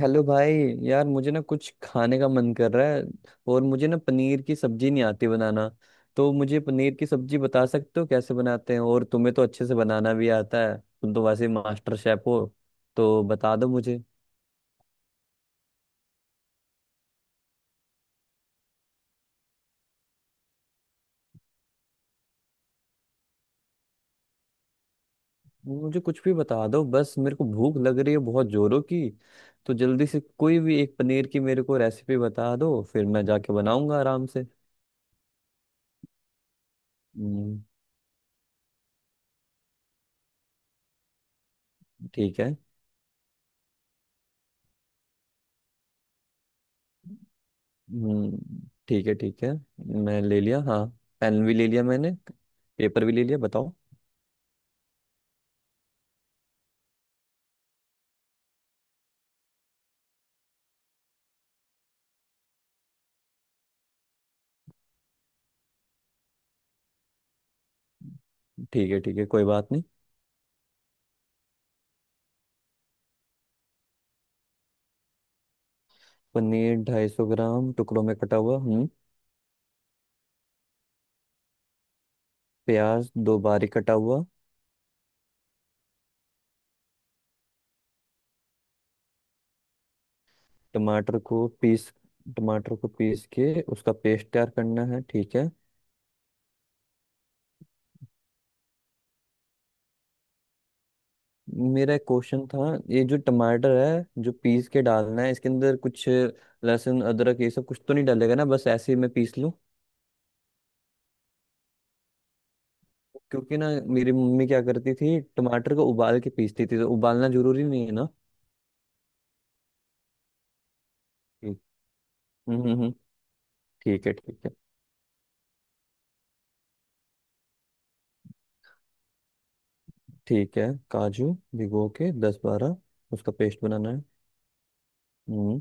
Hello भाई। यार मुझे ना कुछ खाने का मन कर रहा है और मुझे ना पनीर की सब्जी नहीं आती बनाना। तो मुझे पनीर की सब्जी बता सकते हो कैसे बनाते हैं, और तुम्हें तो अच्छे से बनाना भी आता है, तुम तो वैसे मास्टर शेफ हो। तो बता दो मुझे। मुझे कुछ भी बता दो, बस मेरे को भूख लग रही है बहुत जोरों की। तो जल्दी से कोई भी एक पनीर की मेरे को रेसिपी बता दो, फिर मैं जाके बनाऊंगा आराम से। हम्म, ठीक है। हम्म, ठीक है ठीक है। मैं ले लिया हाँ, पेन भी ले लिया मैंने, पेपर भी ले लिया, बताओ। ठीक है ठीक है, कोई बात नहीं। पनीर 250 ग्राम टुकड़ों में कटा हुआ, हम्म। प्याज 2 बारीक कटा हुआ। टमाटर को पीस टमाटर को पीस के उसका पेस्ट तैयार करना है, ठीक है। मेरा एक क्वेश्चन था, ये जो टमाटर है जो पीस के डालना है, इसके अंदर कुछ लहसुन अदरक ये सब कुछ तो नहीं डालेगा ना? बस ऐसे ही मैं पीस? क्योंकि ना मेरी मम्मी क्या करती थी, टमाटर को उबाल के पीसती थी, तो उबालना जरूरी नहीं है ना? ठीक। हम्म हम्म, हम्म, ठीक है ठीक है। ठीक है काजू भिगो के 10-12, उसका पेस्ट बनाना है। हम्म।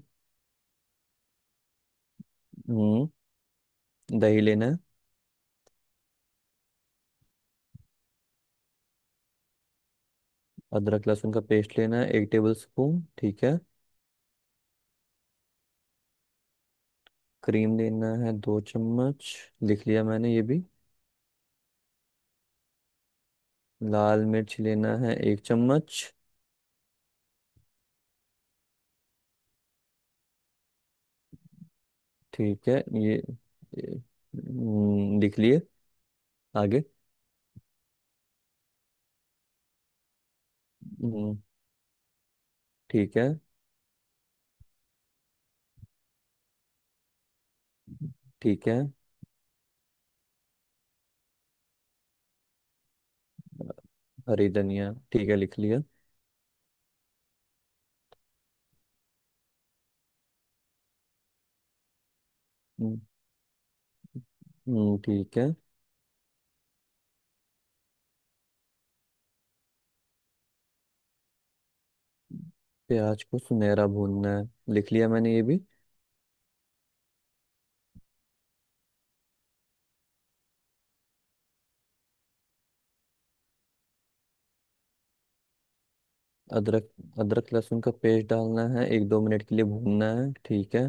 हम्म, दही लेना है। अदरक लहसुन का पेस्ट लेना है 1 टेबल स्पून, ठीक है। क्रीम लेना है 2 चम्मच, लिख लिया मैंने ये भी। लाल मिर्च लेना है 1 चम्मच, ठीक है। ये ये, लिख लिए, आगे। हम्म, ठीक है, ठीक है। हरी धनिया, ठीक है, लिख लिया। हम्म, ठीक है। प्याज को सुनहरा भूनना है, लिख लिया मैंने ये भी। अदरक, अदरक लहसुन का पेस्ट डालना है 1-2 मिनट के लिए भूनना है, ठीक है।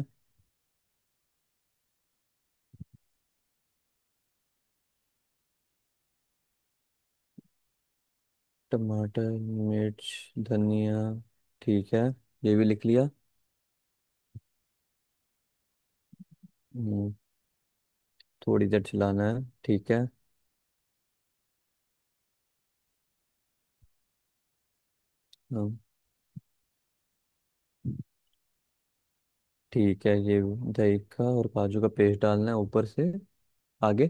टमाटर, मिर्च, धनिया, ठीक है, ये भी लिख लिया। हम्म, थोड़ी देर चलाना है, ठीक है। हम्म, ठीक है, ये दही का और काजू का पेस्ट डालना है ऊपर से, आगे।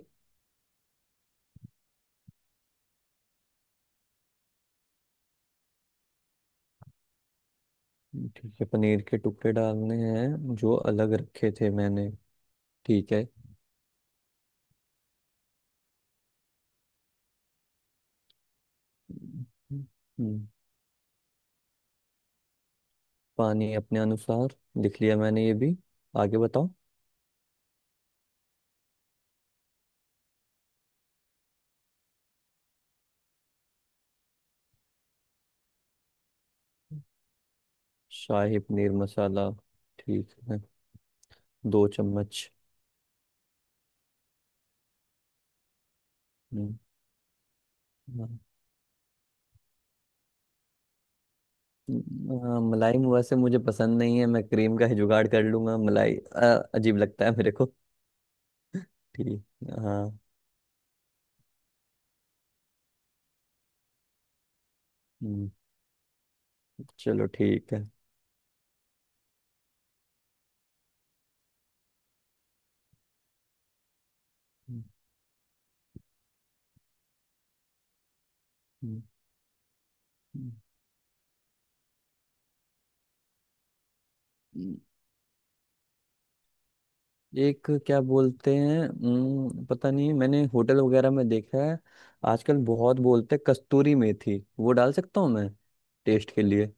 ठीक है, पनीर के टुकड़े डालने हैं जो अलग रखे थे मैंने, ठीक है। हम्म, पानी अपने अनुसार, लिख लिया मैंने ये भी, आगे बताओ। शाही पनीर मसाला, ठीक है, 2 चम्मच। हम्म, हाँ, हाँ, मलाई वैसे मुझे पसंद नहीं है, मैं क्रीम का ही जुगाड़ कर लूंगा, मलाई अजीब लगता है मेरे को। ठीक, हाँ। हम्म, चलो ठीक है। हम्म, हम्म, हम्म। एक क्या बोलते हैं, पता नहीं, मैंने होटल वगैरह में देखा है, आजकल बहुत बोलते हैं कस्तूरी मेथी, वो डाल सकता हूँ मैं टेस्ट के लिए?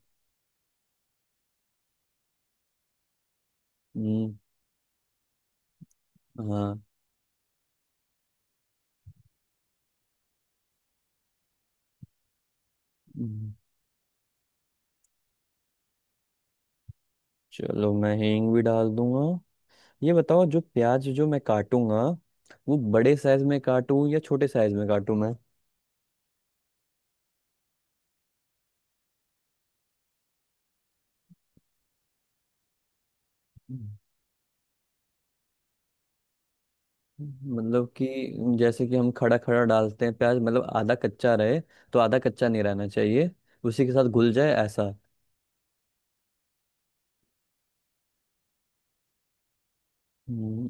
हम्म, हाँ। हम्म, चलो मैं हींग भी डाल दूंगा। ये बताओ जो प्याज जो मैं काटूंगा, वो बड़े साइज में काटूं या छोटे साइज में काटूं मैं? हम्म। मतलब कि जैसे कि हम खड़ा खड़ा डालते हैं प्याज, मतलब आधा कच्चा रहे, तो आधा कच्चा नहीं रहना चाहिए, उसी के साथ घुल जाए ऐसा। हम्म,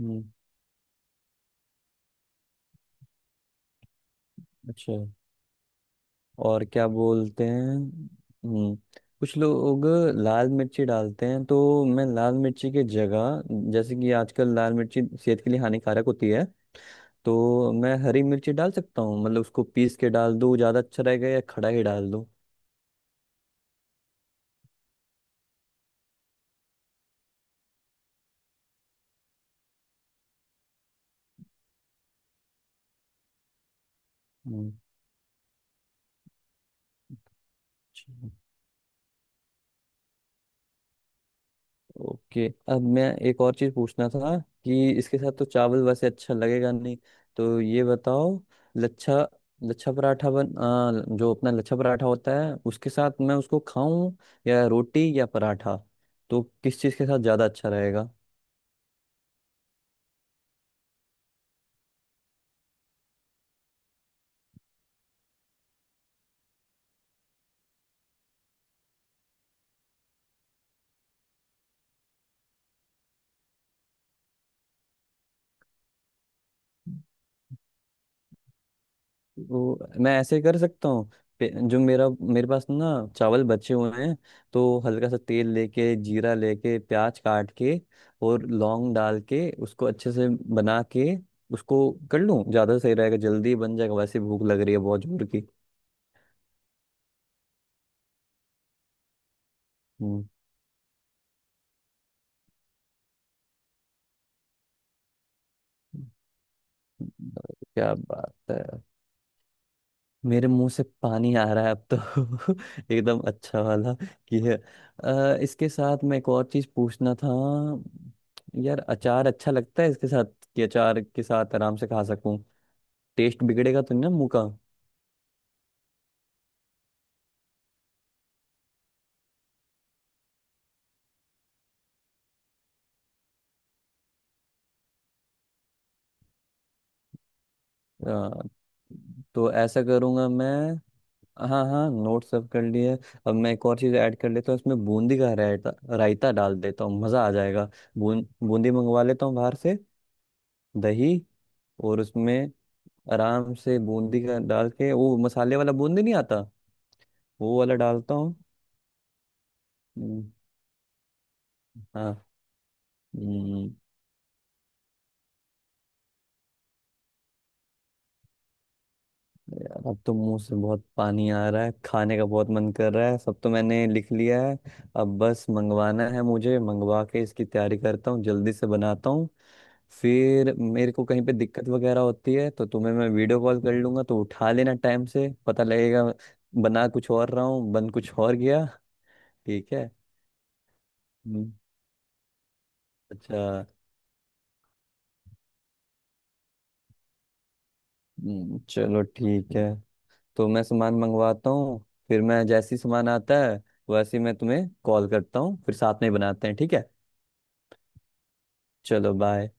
हम्म, अच्छा। और क्या बोलते हैं, हम्म, कुछ लोग लाल मिर्ची डालते हैं तो मैं लाल मिर्ची की जगह, जैसे कि आजकल लाल मिर्ची सेहत के लिए हानिकारक होती है, तो मैं हरी मिर्ची डाल सकता हूँ, मतलब उसको पीस के डाल दूँ ज़्यादा अच्छा रहेगा या खड़ा ही डाल दूँ? हम्म, ओके। अब मैं एक और चीज पूछना था, कि इसके साथ तो चावल वैसे अच्छा लगेगा नहीं, तो ये बताओ, लच्छा लच्छा पराठा बन आ, जो अपना लच्छा पराठा होता है उसके साथ मैं उसको खाऊं, या रोटी या पराठा, तो किस चीज के साथ ज्यादा अच्छा रहेगा? वो मैं ऐसे कर सकता हूँ, जो मेरा मेरे पास ना चावल बचे हुए हैं, तो हल्का सा तेल लेके, जीरा लेके, प्याज काट के और लौंग डाल के उसको अच्छे से बना के उसको कर लूँ, ज़्यादा सही रहेगा, जल्दी बन जाएगा, वैसे भूख लग रही है बहुत जोर की। हम्म, क्या बात है, मेरे मुंह से पानी आ रहा है अब तो एकदम अच्छा वाला कि है। इसके साथ मैं एक और चीज पूछना था, यार अचार अच्छा लगता है इसके साथ? कि अचार के साथ आराम से खा सकूं, टेस्ट बिगड़ेगा तो नहीं ना मुंह का? अ, तो ऐसा करूंगा मैं, हाँ हाँ, नोट सब कर लिए। अब मैं एक और चीज़ ऐड कर लेता हूँ इसमें, बूंदी का रायता, रायता डाल देता हूँ, मज़ा आ जाएगा। बूं बूंदी मंगवा लेता हूँ बाहर से, दही, और उसमें आराम से बूंदी का डाल के, वो मसाले वाला बूंदी नहीं आता, वो वाला डालता हूँ। हम्म, हाँ। हम्म, यार अब तो मुंह से बहुत पानी आ रहा है, खाने का बहुत मन कर रहा है, सब तो मैंने लिख लिया है। अब बस मंगवाना है मुझे, मंगवा के इसकी तैयारी करता हूँ, जल्दी से बनाता हूँ। फिर मेरे को कहीं पे दिक्कत वगैरह होती है तो तुम्हें मैं वीडियो कॉल कर लूंगा, तो उठा लेना टाइम से, पता लगेगा बना कुछ और रहा हूँ बन कुछ और गया। ठीक है। हम्म, अच्छा। चलो ठीक है, तो मैं सामान मंगवाता हूँ, फिर मैं जैसी सामान आता है वैसे ही मैं तुम्हें कॉल करता हूँ, फिर साथ में ही बनाते हैं, ठीक है। चलो बाय।